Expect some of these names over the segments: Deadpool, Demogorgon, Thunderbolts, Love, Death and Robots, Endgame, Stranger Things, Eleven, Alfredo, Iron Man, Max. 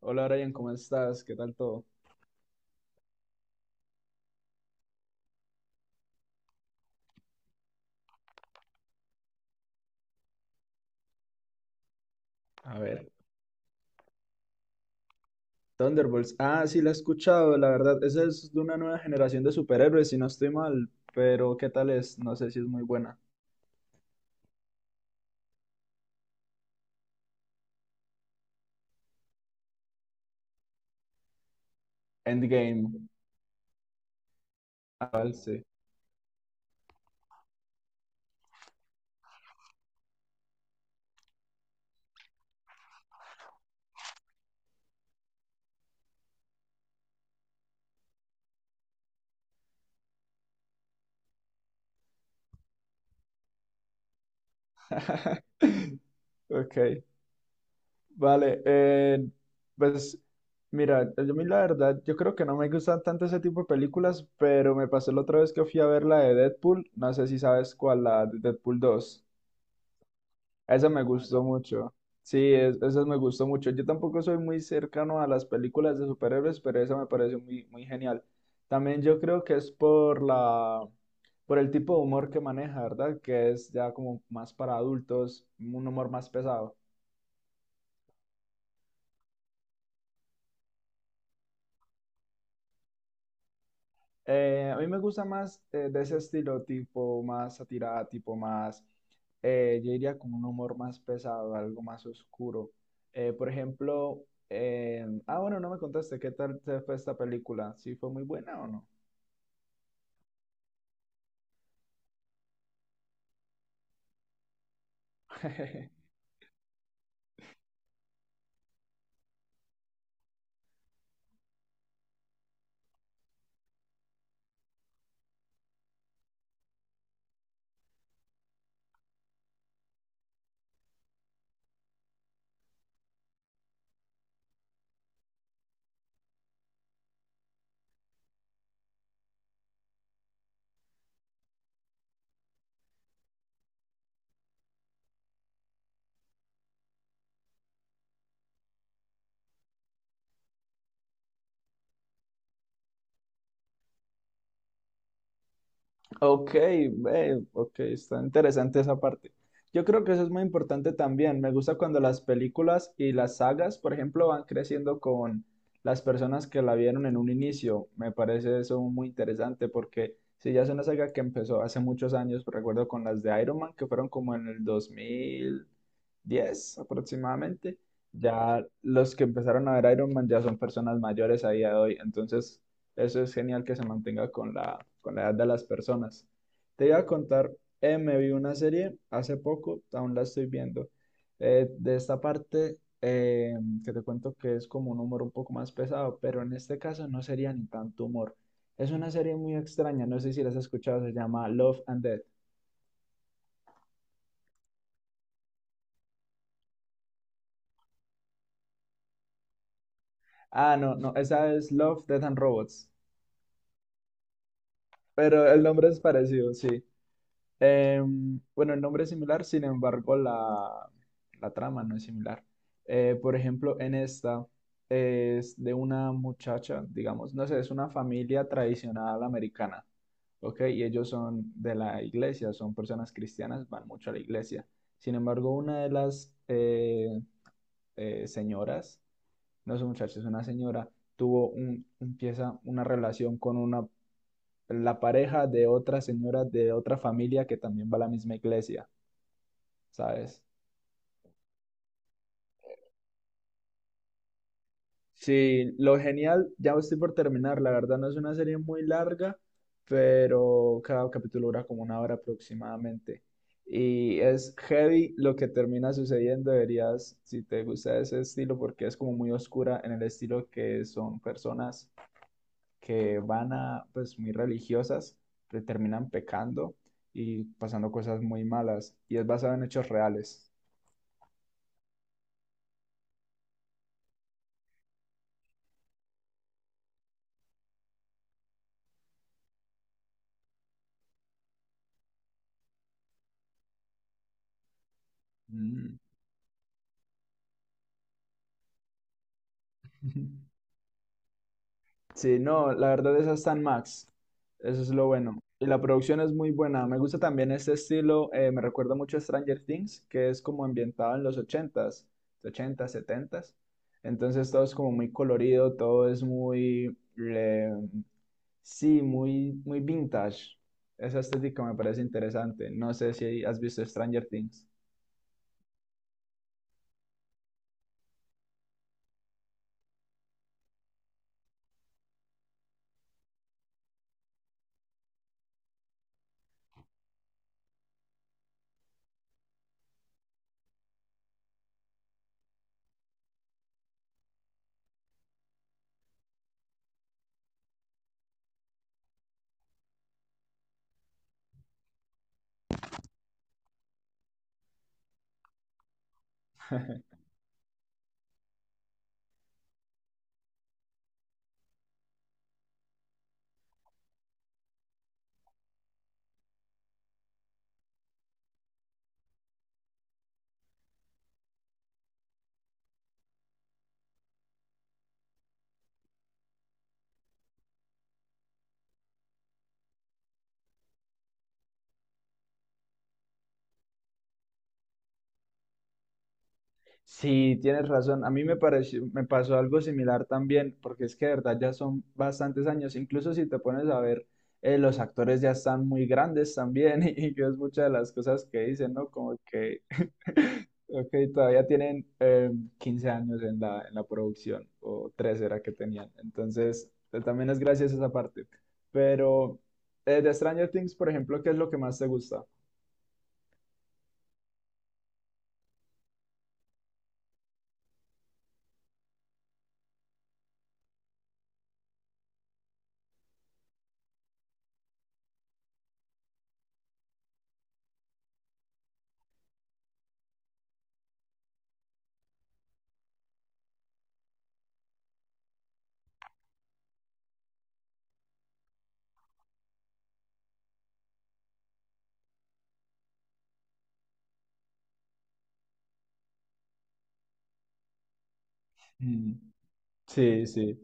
Hola Brian, ¿cómo estás? ¿Qué tal todo? A ver, Thunderbolts. Ah, sí, la he escuchado, la verdad. Esa es de una nueva generación de superhéroes, si no estoy mal. Pero, ¿qué tal es? No sé si es muy buena. Endgame. Ah, vale, sí. Ok, vale. Pues, mira, yo a mí la verdad, yo creo que no me gustan tanto ese tipo de películas, pero me pasó la otra vez que fui a ver la de Deadpool. No sé si sabes cuál, la de Deadpool dos. Esa me Ah, gustó mucho. Sí, esa me gustó mucho. Yo tampoco soy muy cercano a las películas de superhéroes, pero esa me pareció muy, muy genial. También yo creo que es por por el tipo de humor que maneja, ¿verdad? Que es ya como más para adultos, un humor más pesado. A mí me gusta más de ese estilo, tipo más satirada, tipo más, yo diría con un humor más pesado, algo más oscuro. Por ejemplo, bueno, no me contaste, ¿qué tal te fue esta película? ¿Sí fue muy buena o no? Ok, ok, está interesante esa parte. Yo creo que eso es muy importante también. Me gusta cuando las películas y las sagas, por ejemplo, van creciendo con las personas que la vieron en un inicio. Me parece eso muy interesante porque si ya es una saga que empezó hace muchos años, recuerdo con las de Iron Man, que fueron como en el 2010 aproximadamente, ya los que empezaron a ver Iron Man ya son personas mayores a día de hoy. Entonces, eso es genial que se mantenga con con la edad de las personas. Te iba a contar, me vi una serie hace poco, aún la estoy viendo. De esta parte, que te cuento que es como un humor un poco más pesado, pero en este caso no sería ni tanto humor. Es una serie muy extraña, no sé si la has escuchado, se llama Love and Death. Ah, no, no, esa es Love, Death and Robots, pero el nombre es parecido, sí. Bueno, el nombre es similar, sin embargo, la trama no es similar. Por ejemplo, en esta es de una muchacha, digamos, no sé, es una familia tradicional americana, ¿ok? Y ellos son de la iglesia, son personas cristianas, van mucho a la iglesia. Sin embargo, una de las señoras, no es un muchacho, es una señora, empieza una relación con una la pareja de otra señora de otra familia que también va a la misma iglesia, ¿sabes? Sí, lo genial, ya estoy por terminar, la verdad no es una serie muy larga, pero cada capítulo dura como una hora aproximadamente. Y es heavy lo que termina sucediendo, deberías, si te gusta ese estilo, porque es como muy oscura en el estilo que son personas que van a, pues, muy religiosas, que terminan pecando y pasando cosas muy malas. Y es basado en hechos reales. Mm. Sí, no, la verdad esa está en Max. Eso es lo bueno. Y la producción es muy buena. Me gusta también este estilo. Me recuerda mucho a Stranger Things, que es como ambientado en los ochentas, setentas. Entonces todo es como muy colorido, todo es muy... sí, muy, muy vintage. Esa estética me parece interesante. No sé si has visto Stranger Things. Sí, tienes razón. A mí me pareció, me pasó algo similar también, porque es que de verdad ya son bastantes años. Incluso si te pones a ver, los actores ya están muy grandes también, y, que es muchas de las cosas que dicen, ¿no? Como que, ok, todavía tienen 15 años en en la producción, o 13 era que tenían. Entonces, también es gracias a esa parte. Pero de Stranger Things, por ejemplo, ¿qué es lo que más te gusta? Mm. Sí, sí.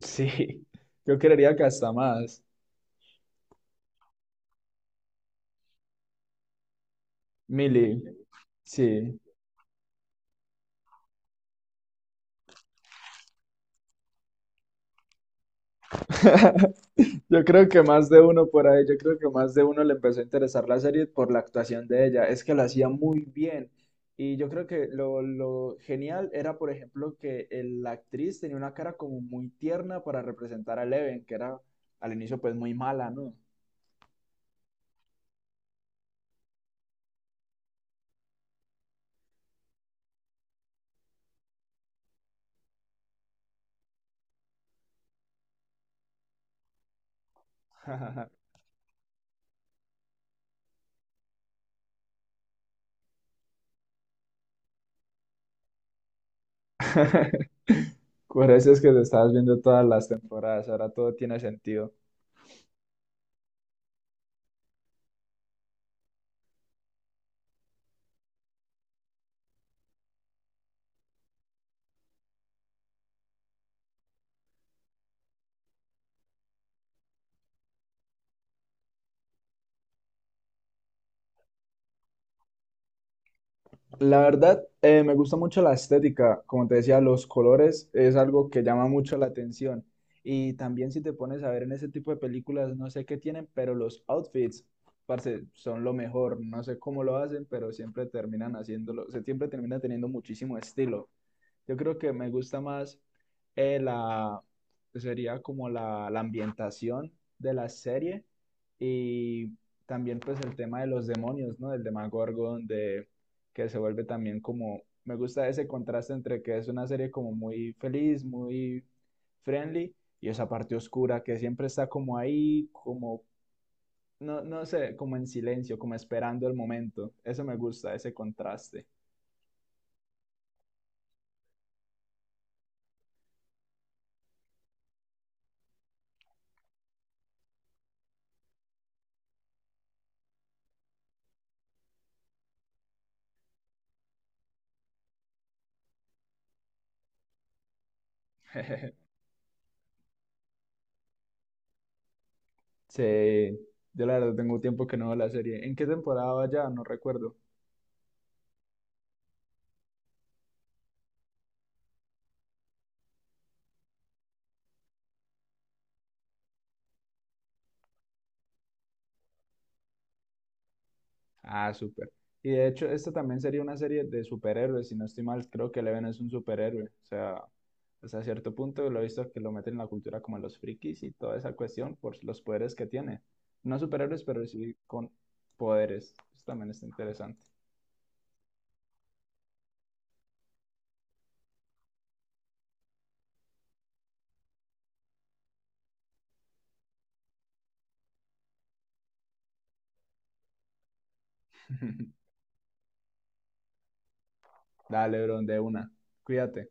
Sí, yo creería que hasta más. Mili, sí. Yo creo que más de uno por ahí, yo creo que más de uno le empezó a interesar la serie por la actuación de ella. Es que la hacía muy bien. Y yo creo que lo genial era, por ejemplo, la actriz tenía una cara como muy tierna para representar a Eleven, que era al inicio pues muy mala, ¿no? Por eso es que te estabas viendo todas las temporadas, ahora todo tiene sentido. La verdad, me gusta mucho la estética, como te decía, los colores es algo que llama mucho la atención. Y también si te pones a ver en ese tipo de películas, no sé qué tienen, pero los outfits, parce, son lo mejor. No sé cómo lo hacen, pero siempre terminan haciéndolo, se siempre termina teniendo muchísimo estilo. Yo creo que me gusta más eh, la, sería como la ambientación de la serie y también pues el tema de los demonios, ¿no? Del Demogorgon, de que se vuelve también como, me gusta ese contraste entre que es una serie como muy feliz, muy friendly y esa parte oscura que siempre está como ahí, como, no, no sé, como en silencio, como esperando el momento. Eso me gusta, ese contraste. Sí, yo la verdad tengo tiempo que no veo la serie. ¿En qué temporada va ya? No recuerdo. Ah, súper. Y de hecho, esta también sería una serie de superhéroes, si no estoy mal, creo que Eleven es un superhéroe. O sea, hasta cierto punto lo he visto que lo meten en la cultura como los frikis y toda esa cuestión por los poderes que tiene. No superhéroes, pero sí con poderes. Eso también está interesante. Dale, bro, de una. Cuídate.